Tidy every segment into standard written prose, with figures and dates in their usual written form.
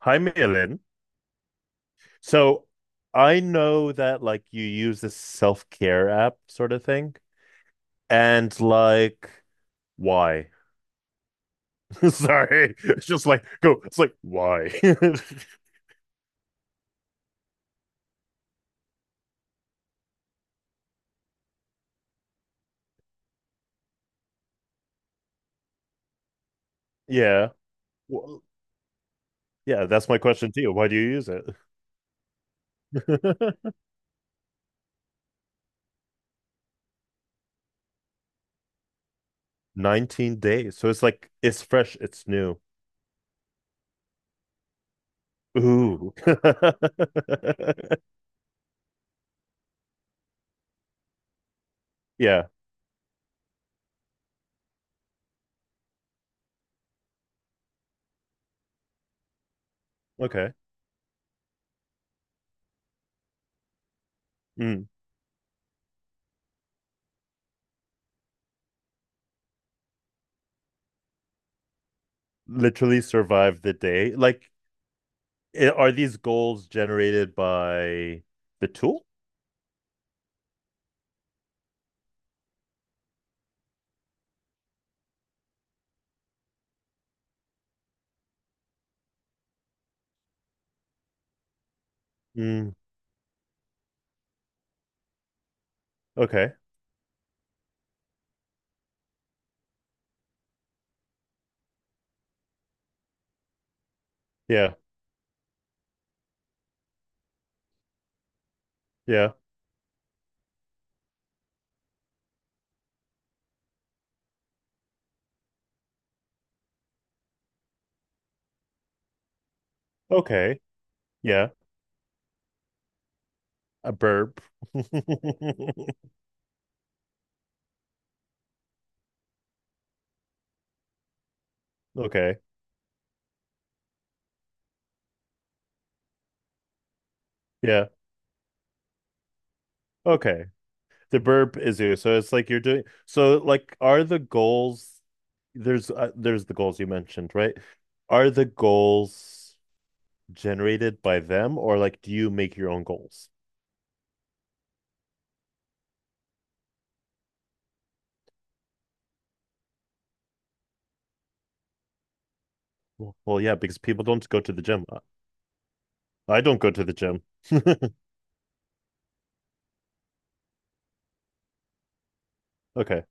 Hi, Malin. So I know that like you use this self-care app sort of thing. And like, why? Sorry. It's just like, go. It's like, why? Yeah. Well, yeah, that's my question to you. Why do you use it? 19 days. So it's like, it's fresh, it's new. Ooh. Yeah. Okay. Mm. Literally survive the day. Like, are these goals generated by the tool? Mm, okay. Yeah. Yeah. Okay. Yeah. A burp. Okay. Yeah. Okay. The burp is you. So it's like you're doing so like are the goals there's the goals you mentioned, right? Are the goals generated by them or like do you make your own goals? Well, yeah, because people don't go to the gym. I don't go to the gym. Okay.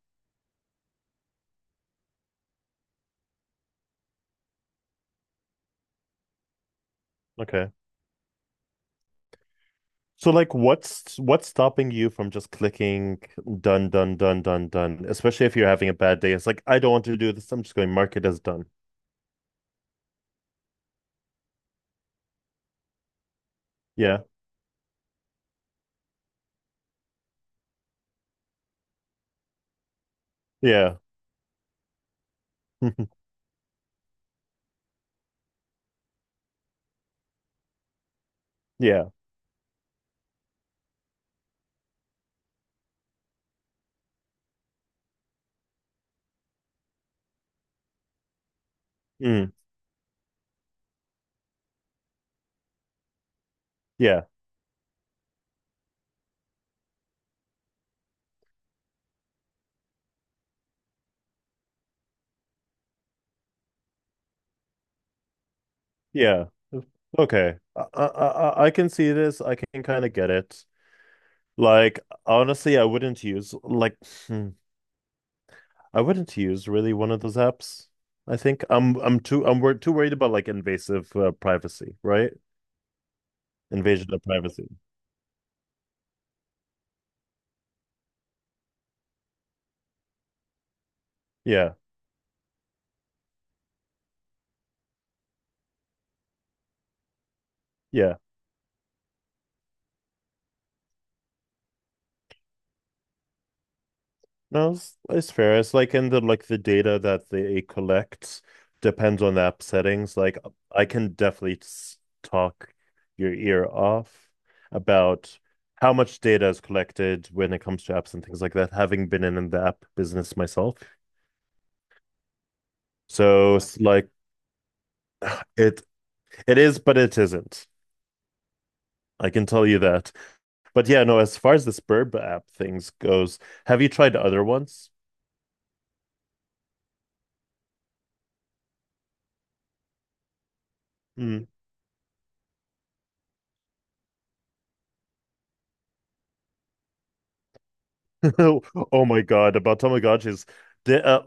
Okay. So like what's stopping you from just clicking done, done, done, done, done, especially if you're having a bad day. It's like, I don't want to do this. I'm just going to mark it as done. Yeah. Yeah. Yeah. Mm. Yeah. Yeah. Okay. I can see this. I can kind of get it. Like honestly, I wouldn't use like hmm, I wouldn't use really one of those apps. I think I'm too I'm wor too worried about like invasive privacy, right? Invasion of privacy. Yeah. Yeah. No, it's fair. It's like in the like the data that they collect depends on the app settings. Like I can definitely talk your ear off about how much data is collected when it comes to apps and things like that, having been in the app business myself. So it's like it it is, but it isn't. I can tell you that. But yeah, no, as far as the Spurb app things goes, have you tried other ones? Mm. Oh my God, about Tamagotchis. The,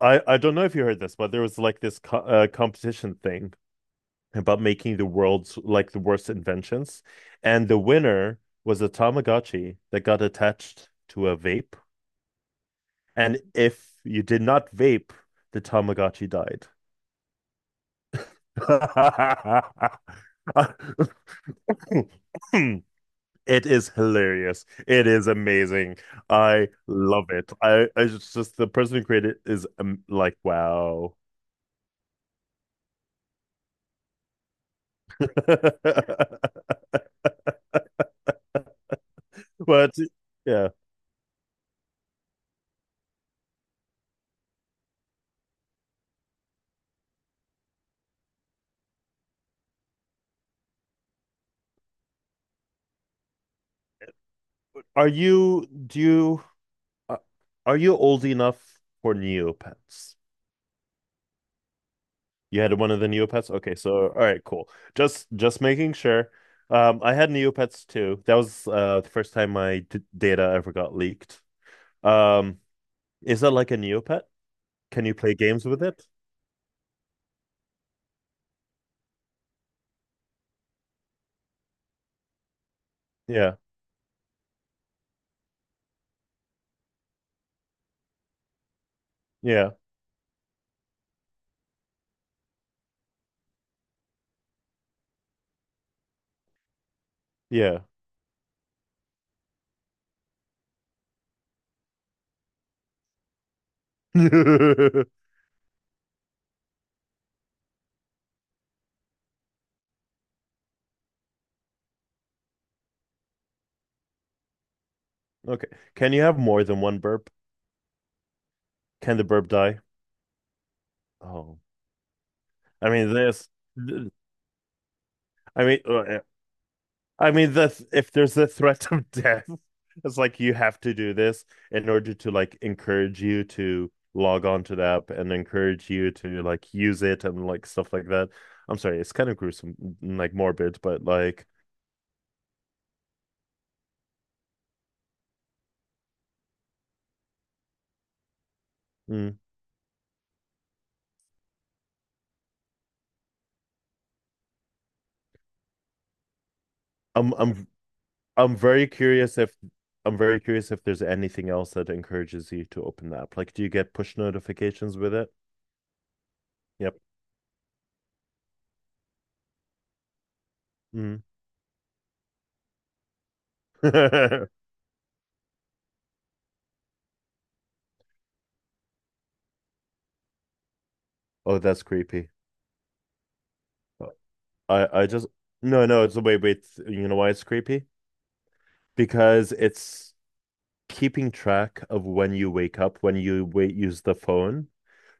I don't know if you heard this, but there was like this co competition thing about making the world's like the worst inventions, and the winner was a Tamagotchi that got attached to a vape, and if you did not vape, the Tamagotchi died. It is hilarious. It is amazing. I love it. I just, the person who created it is like wow. But yeah. Are you do you uh, are you old enough for Neopets? You had one of the Neopets? Okay, so all right, cool. Just making sure. I had Neopets too. That was the first time my d data ever got leaked. Um, is that like a Neopet? Can you play games with it? Yeah, yeah, yeah. Okay. Can you have more than one burp? Can the burp die? Oh, I mean this. I mean, uh, I mean, if there's the threat of death, it's like you have to do this in order to like encourage you to log on to the app and encourage you to like use it and like stuff like that. I'm sorry, it's kind of gruesome, like morbid, but like mm, I'm I'm I'm very curious if I'm very curious if there's anything else that encourages you to open the app. Like, do you get push notifications with it? Yep. Mm. Oh, that's creepy. I just. No, no. It's, wait, wait. You know why it's creepy? Because it's keeping track of when you wake up, when you wait, use the phone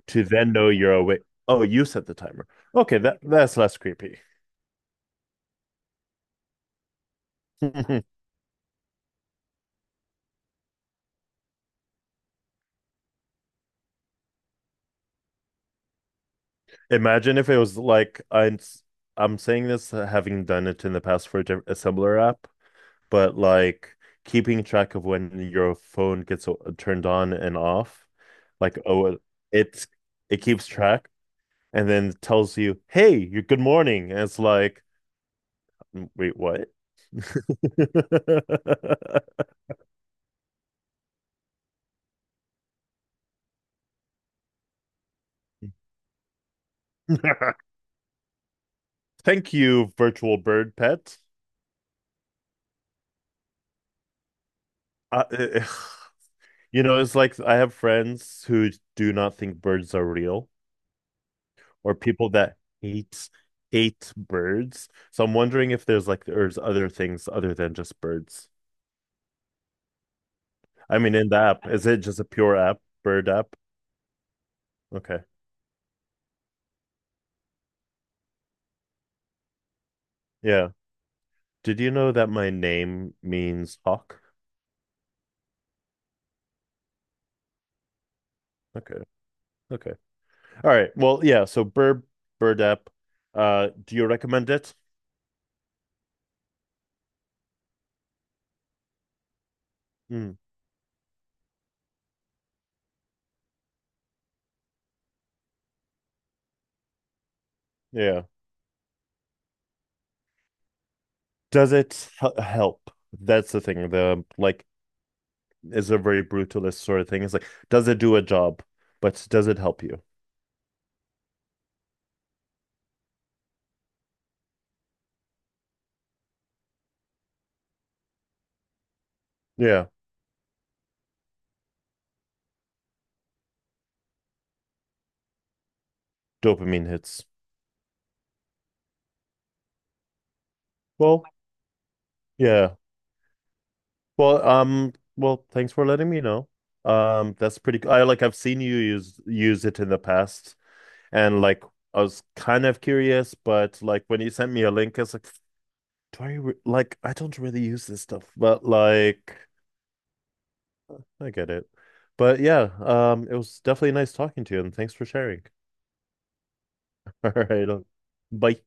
to then know you're awake. Oh, you set the timer. Okay, that that's less creepy. Imagine if it was like I'm saying this having done it in the past for a assembler app, but like keeping track of when your phone gets turned on and off, like oh it's it keeps track and then tells you, "Hey, you're good morning." And it's like, "Mm, wait, what?" Thank you, virtual bird pet. Uh, you know, it's like I have friends who do not think birds are real, or people that hate birds. So I'm wondering if there's like there's other things other than just birds. I mean, in the app, is it just a pure app, bird app? Okay. Yeah. Did you know that my name means hawk? Okay. Okay. All right. Well, yeah. So bird app. Do you recommend it? Hmm. Yeah. Does it help? That's the thing. The like is a very brutalist sort of thing. It's like, does it do a job? But does it help you? Yeah. Dopamine hits. Well, yeah. Well, well, thanks for letting me know. That's pretty cool. I like I've seen you use it in the past and like I was kind of curious, but like when you sent me a link, it's like, do I re like I don't really use this stuff, but like I get it. But yeah, it was definitely nice talking to you, and thanks for sharing. All right, bye.